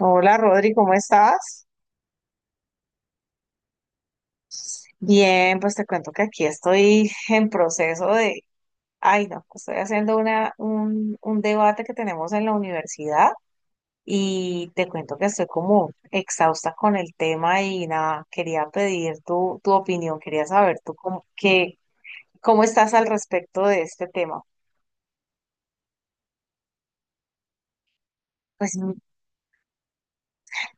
Hola Rodri, ¿cómo estás? Bien, pues te cuento que aquí estoy ay no, estoy haciendo un debate que tenemos en la universidad y te cuento que estoy como exhausta con el tema y nada, quería pedir tu opinión, quería saber cómo estás al respecto de este tema. Pues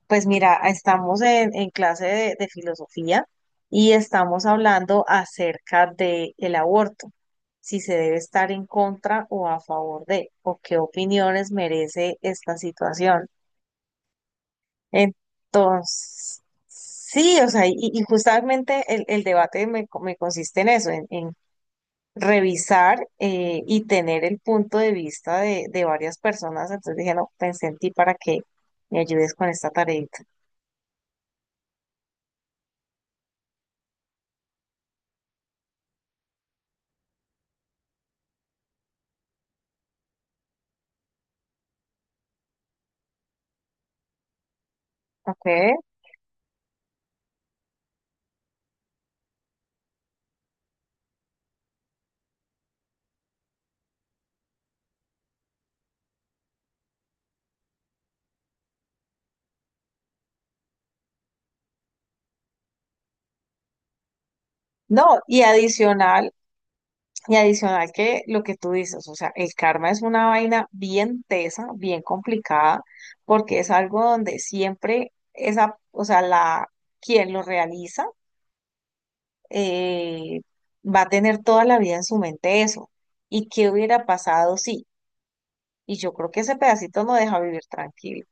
Pues mira, estamos en clase de filosofía y estamos hablando acerca de el aborto, si se debe estar en contra o a favor de, o qué opiniones merece esta situación. Entonces, sí, o sea, y justamente el debate me consiste en eso, en revisar y tener el punto de vista de varias personas. Entonces dije, no, pensé en ti para que me ayudes con esta tareita. ¿Ok? No, y adicional, Y adicional que lo que tú dices, o sea, el karma es una vaina bien tesa, bien complicada, porque es algo donde siempre esa, o sea, la, quien lo realiza eh, va a tener toda la vida en su mente eso. ¿Y qué hubiera pasado si? Y yo creo que ese pedacito no deja vivir tranquilo.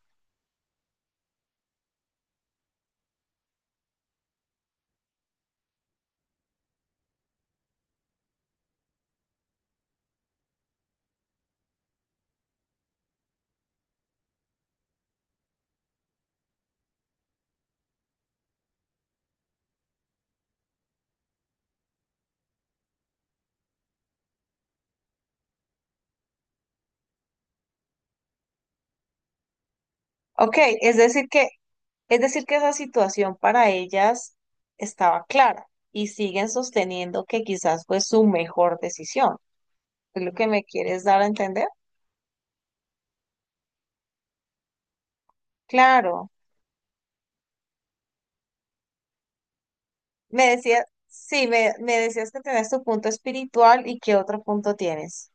Ok, es decir que, es decir que esa situación para ellas estaba clara y siguen sosteniendo que quizás fue su mejor decisión. ¿Es lo que me quieres dar a entender? Claro. Me decías, sí, me decías que tenés tu punto espiritual y qué otro punto tienes.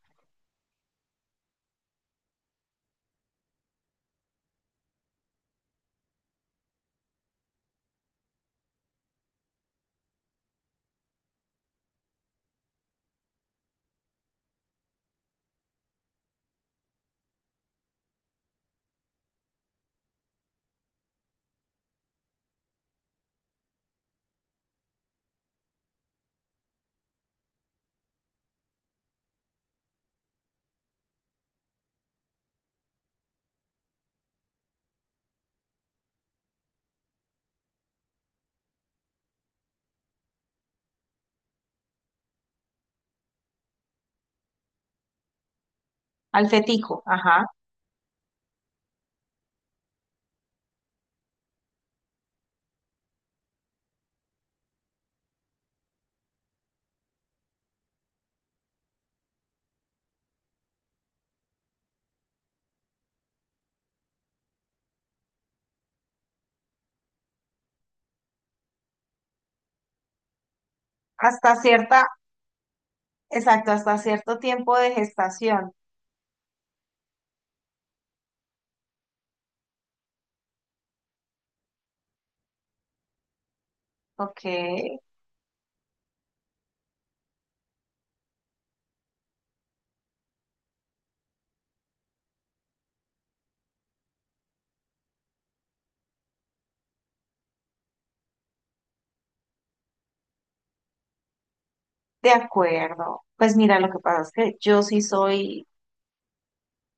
Al fetico, ajá. Hasta cierta, exacto, hasta cierto tiempo de gestación. Ok, de acuerdo. Pues mira, lo que pasa es que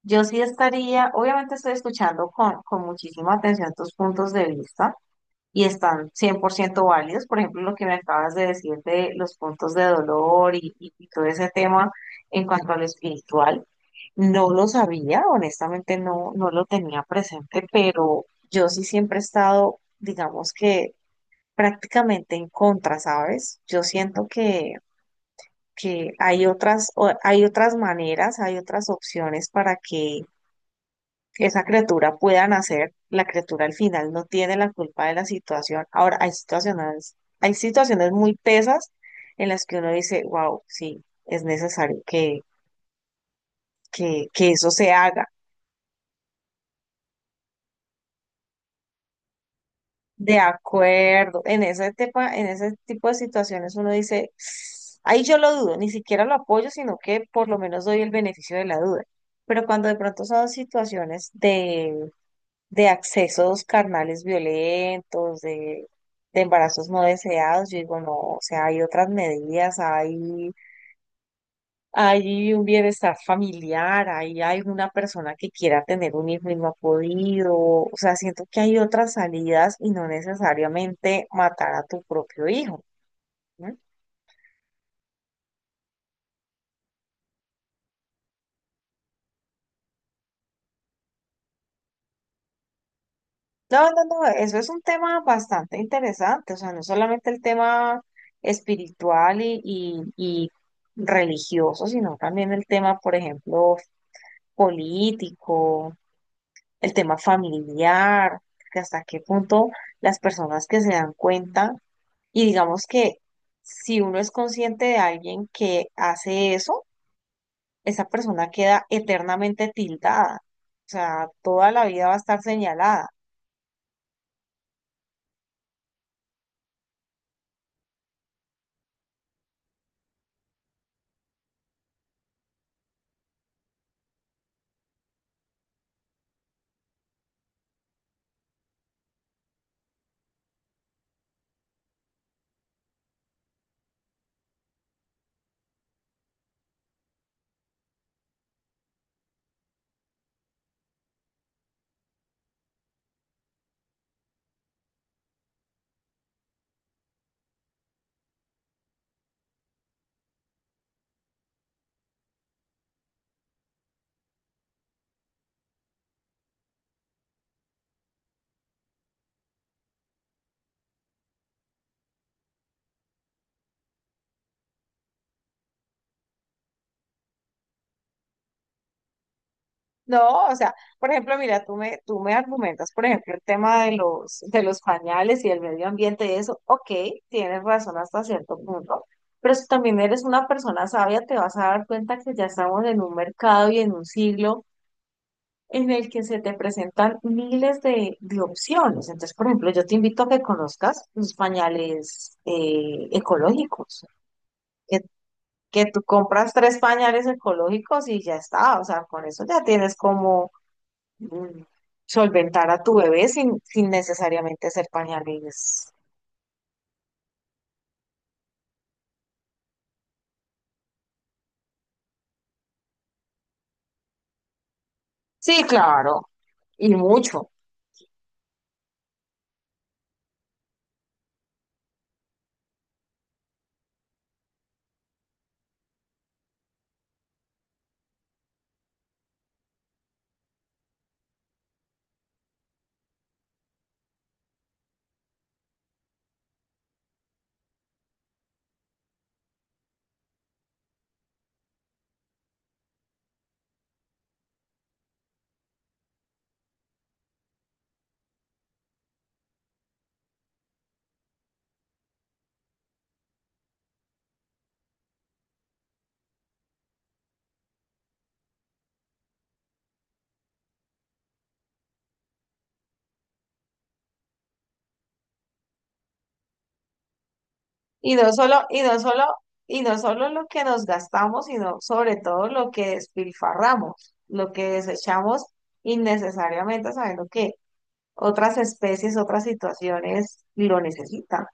yo sí estaría, obviamente estoy escuchando con muchísima atención tus puntos de vista. Y están 100% válidos. Por ejemplo, lo que me acabas de decir de los puntos de dolor y todo ese tema en cuanto a lo espiritual, no lo sabía, honestamente no, no lo tenía presente, pero yo sí siempre he estado, digamos que prácticamente en contra, ¿sabes? Yo siento que hay hay otras maneras, hay otras opciones para que esa criatura pueda nacer, la criatura al final no tiene la culpa de la situación. Ahora, hay situaciones muy pesas en las que uno dice, wow, sí, es necesario que, que eso se haga. De acuerdo, en ese tipo de situaciones uno dice, ahí yo lo dudo, ni siquiera lo apoyo, sino que por lo menos doy el beneficio de la duda. Pero cuando de pronto son situaciones de accesos carnales violentos, de embarazos no deseados, yo digo, no, o sea, hay otras medidas, hay un bienestar familiar, hay una persona que quiera tener un hijo y no ha podido, o sea, siento que hay otras salidas y no necesariamente matar a tu propio hijo. ¿No? No, no, no, eso es un tema bastante interesante, o sea, no solamente el tema espiritual y religioso, sino también el tema, por ejemplo, político, el tema familiar, que hasta qué punto las personas que se dan cuenta y digamos que si uno es consciente de alguien que hace eso, esa persona queda eternamente tildada, o sea, toda la vida va a estar señalada. No, o sea, por ejemplo, mira, tú me argumentas, por ejemplo, el tema de los pañales y el medio ambiente y eso, ok, tienes razón hasta cierto punto, pero si también eres una persona sabia, te vas a dar cuenta que ya estamos en un mercado y en un siglo en el que se te presentan miles de opciones. Entonces, por ejemplo, yo te invito a que conozcas los pañales ecológicos, que, que tú compras 3 pañales ecológicos y ya está, o sea, con eso ya tienes como mm, solventar a tu bebé sin, sin necesariamente ser pañales. Sí, claro, y mucho. Y no solo, y no solo, y no solo lo que nos gastamos, sino sobre todo lo que despilfarramos, lo que desechamos innecesariamente, sabiendo que otras especies, otras situaciones lo necesitan.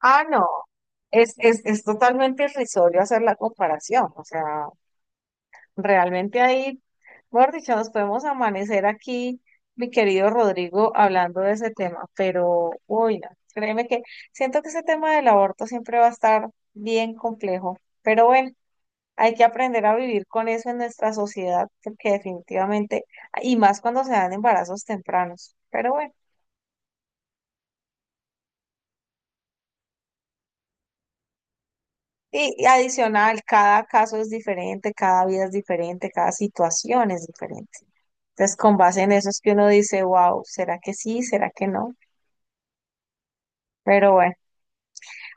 Ah, no, es totalmente irrisorio hacer la comparación, o sea. Realmente ahí, mejor dicho, nos podemos amanecer aquí, mi querido Rodrigo, hablando de ese tema, pero, uy, no, créeme que siento que ese tema del aborto siempre va a estar bien complejo, pero bueno, hay que aprender a vivir con eso en nuestra sociedad, porque definitivamente, y más cuando se dan embarazos tempranos, pero bueno, y adicional, cada caso es diferente, cada vida es diferente, cada situación es diferente. Entonces, con base en eso es que uno dice, wow, ¿será que sí? ¿Será que no? Pero bueno.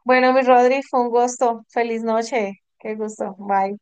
Bueno, mi Rodri, fue un gusto. Feliz noche. Qué gusto. Bye.